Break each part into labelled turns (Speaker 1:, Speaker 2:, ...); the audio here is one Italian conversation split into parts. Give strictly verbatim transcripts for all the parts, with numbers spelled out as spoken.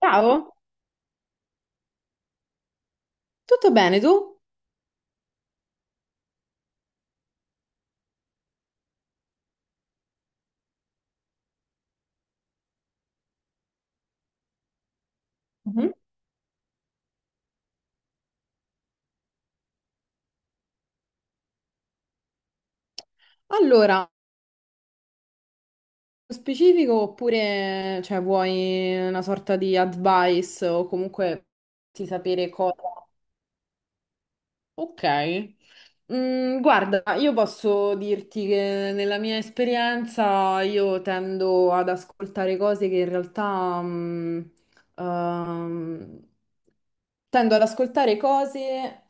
Speaker 1: Ciao, tutto bene tu? Mhm. Allora, nello specifico oppure cioè, vuoi una sorta di advice o comunque ti sapere cosa? Ok. Mm, guarda, io posso dirti che nella mia esperienza io tendo ad ascoltare cose che in realtà mm, ehm, tendo ad ascoltare cose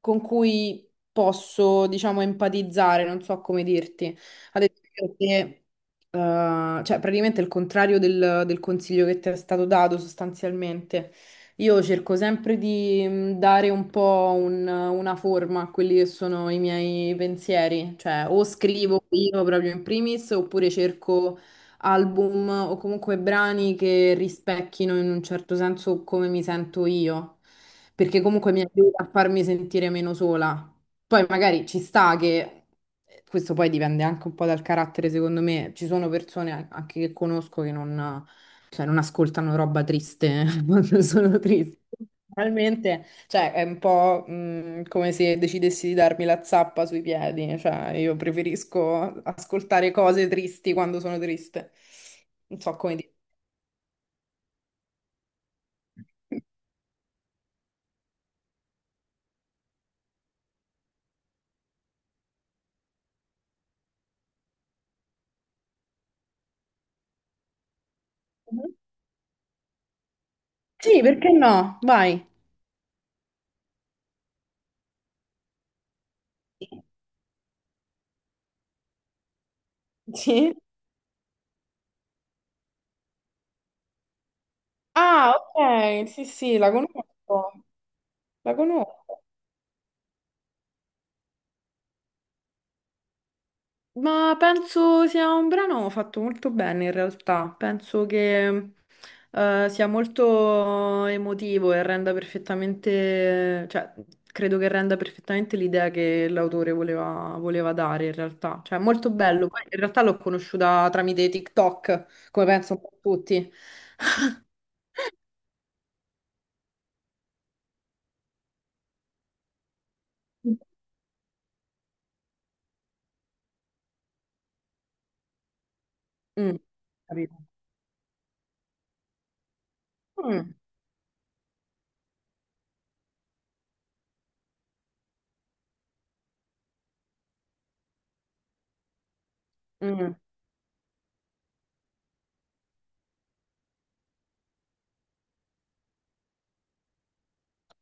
Speaker 1: con cui posso, diciamo, empatizzare, non so come dirti. Ad esempio, che, eh, cioè, praticamente il contrario del, del consiglio che ti è stato dato sostanzialmente. Io cerco sempre di mh, dare un po' un- una forma a quelli che sono i miei pensieri, cioè o scrivo io proprio in primis oppure cerco album o comunque brani che rispecchino in un certo senso come mi sento io, perché comunque mi aiuta a farmi sentire meno sola. Poi magari ci sta che, questo poi dipende anche un po' dal carattere, secondo me, ci sono persone anche che conosco che non, cioè, non ascoltano roba triste quando sono triste. Realmente cioè, è un po', mh, come se decidessi di darmi la zappa sui piedi, cioè io preferisco ascoltare cose tristi quando sono triste. Non so come dire. Mhm. Sì, perché no? Vai. Sì. Ah, ok, sì, sì, la conosco. La conosco. Ma penso sia un brano fatto molto bene in realtà, penso che eh, sia molto emotivo e renda perfettamente, cioè credo che renda perfettamente l'idea che l'autore voleva, voleva dare in realtà, cioè è molto bello. Poi, in realtà l'ho conosciuta tramite TikTok, come penso un po' tutti. Mm, capito. Mm, mm.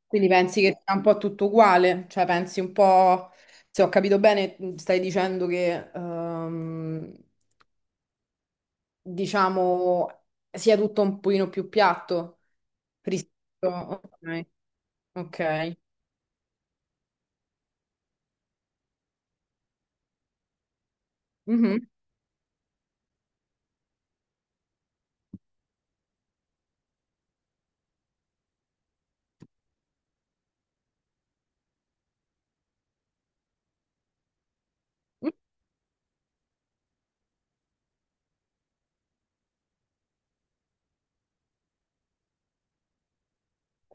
Speaker 1: Quindi pensi che sia un po' tutto uguale? Cioè pensi un po', se ho capito bene, stai dicendo che, ehm, diciamo, sia tutto un pochino più piatto rispetto... Ok, ok. Mhm.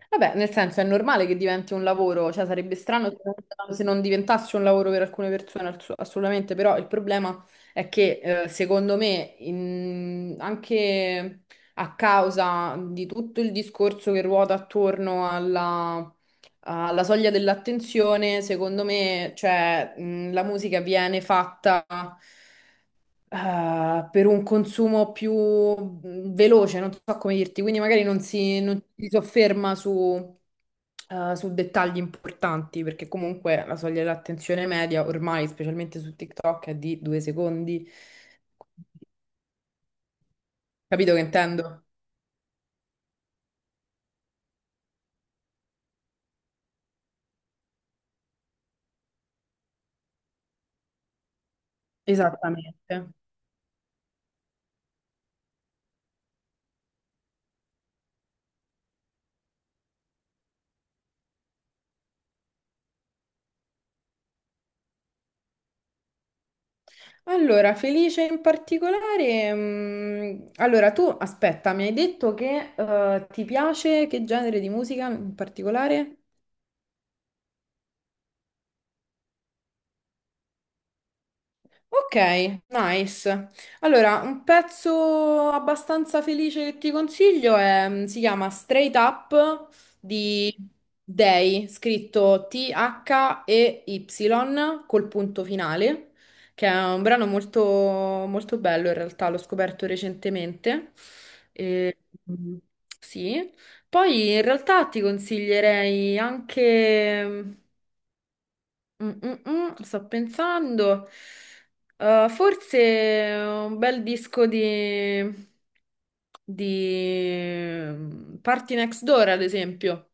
Speaker 1: Vabbè, nel senso è normale che diventi un lavoro, cioè sarebbe strano se non se non diventasse un lavoro per alcune persone, ass- assolutamente, però il problema è che eh, secondo me in- anche a causa di tutto il discorso che ruota attorno alla, alla soglia dell'attenzione, secondo me cioè, mh, la musica viene fatta eh, per un consumo più mh, veloce, non so come dirti, quindi magari non si, non si sofferma su, eh, su dettagli importanti, perché comunque la soglia dell'attenzione media ormai, specialmente su TikTok, è di due secondi. Capito che intendo? Esattamente. Allora, felice in particolare, mh, allora tu aspetta, mi hai detto che eh, ti piace che genere di musica in particolare? Ok, nice. Allora, un pezzo abbastanza felice che ti consiglio è, mm, si chiama Straight Up di Day, scritto T-H-E-Y col punto finale, che è un brano molto, molto bello in realtà, l'ho scoperto recentemente. E, mm, sì. Poi in realtà ti consiglierei anche... mm, Mm, mm, mm, sto pensando. Eh, forse un bel disco di, di mm, Party Next Door, ad esempio.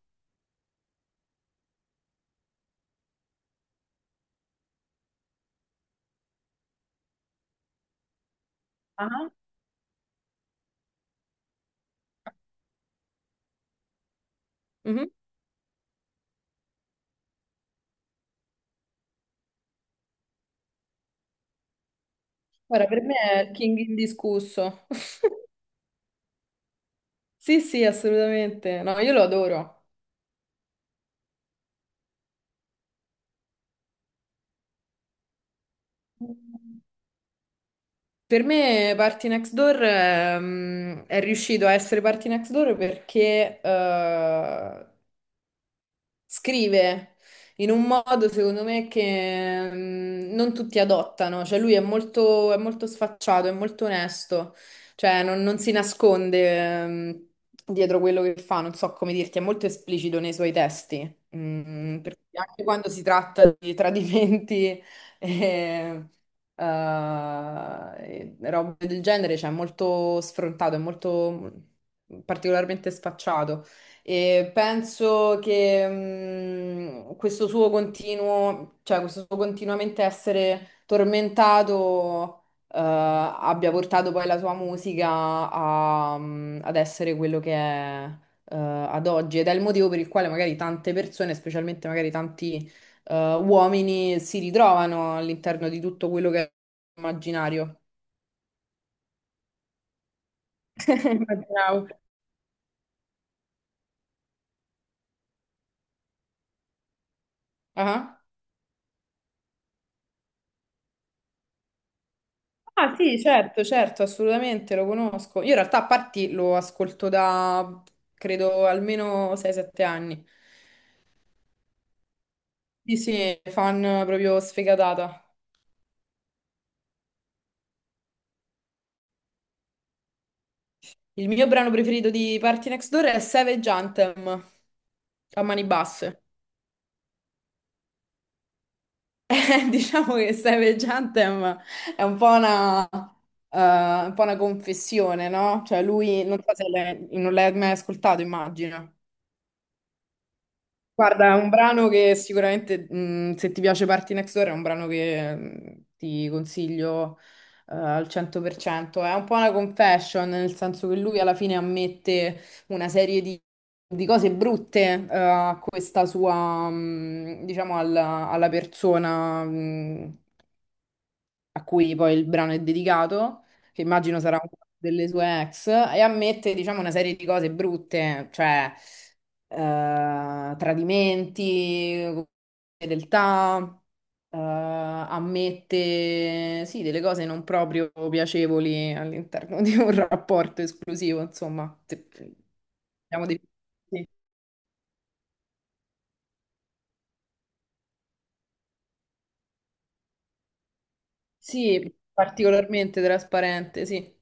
Speaker 1: Ah. Mhm. Guarda, per me è il King indiscusso. Sì, sì, assolutamente. No, io lo adoro. Per me Party Next Door ehm, è riuscito a essere Party Next Door perché eh, scrive in un modo, secondo me, che mm, non tutti adottano. Cioè, lui è molto, è molto sfacciato, è molto onesto, cioè, non, non si nasconde, mm, dietro quello che fa. Non so come dirti, è molto esplicito nei suoi testi. Mm, perché anche quando si tratta di tradimenti e, eh, e robe del genere, cioè, è molto sfrontato, è molto particolarmente sfacciato. E penso che mh, questo suo continuo, cioè questo suo continuamente essere tormentato, eh, abbia portato poi la sua musica a, mh, ad essere quello che è, eh, ad oggi ed è il motivo per il quale magari tante persone, specialmente magari tanti, eh, uomini, si ritrovano all'interno di tutto quello che è immaginario. Immaginavo. Ah. Ah sì, certo, certo, assolutamente lo conosco. Io in realtà a parti lo ascolto da credo almeno sei sette anni. Sì, sì, fan proprio sfegatata. Il mio brano preferito di Party Next Door è Savage Anthem, a mani basse. Eh, diciamo che Savage Anthem è un po' una, eh, un po' una confessione, no? Cioè lui, non so se l'hai non l'hai mai ascoltato, immagino. Guarda, è un brano che sicuramente, mh, se ti piace Party Next Door, è un brano che mh, ti consiglio eh, al cento per cento. È un po' una confession, nel senso che lui alla fine ammette una serie di, di cose brutte eh, a questa sua, mh, diciamo, alla, alla persona, mh, a cui poi il brano è dedicato, che immagino sarà una delle sue ex, e ammette, diciamo, una serie di cose brutte, cioè eh, tradimenti, fedeltà, eh, ammette, sì, delle cose non proprio piacevoli all'interno di un rapporto esclusivo, insomma. Se- Diciamo di... Sì, sì, particolarmente trasparente, sì.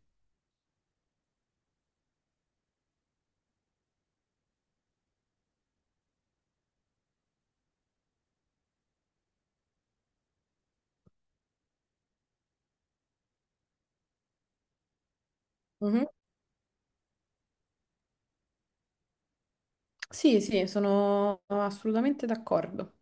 Speaker 1: Mhm. Sì, sì, sono assolutamente d'accordo.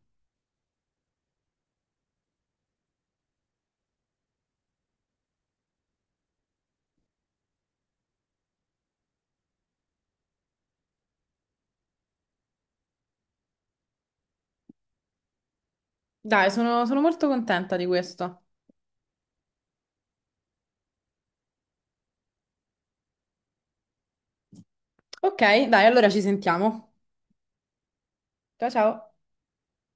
Speaker 1: Dai, sono sono molto contenta di questo. Ok, dai, allora ci sentiamo. Ciao ciao.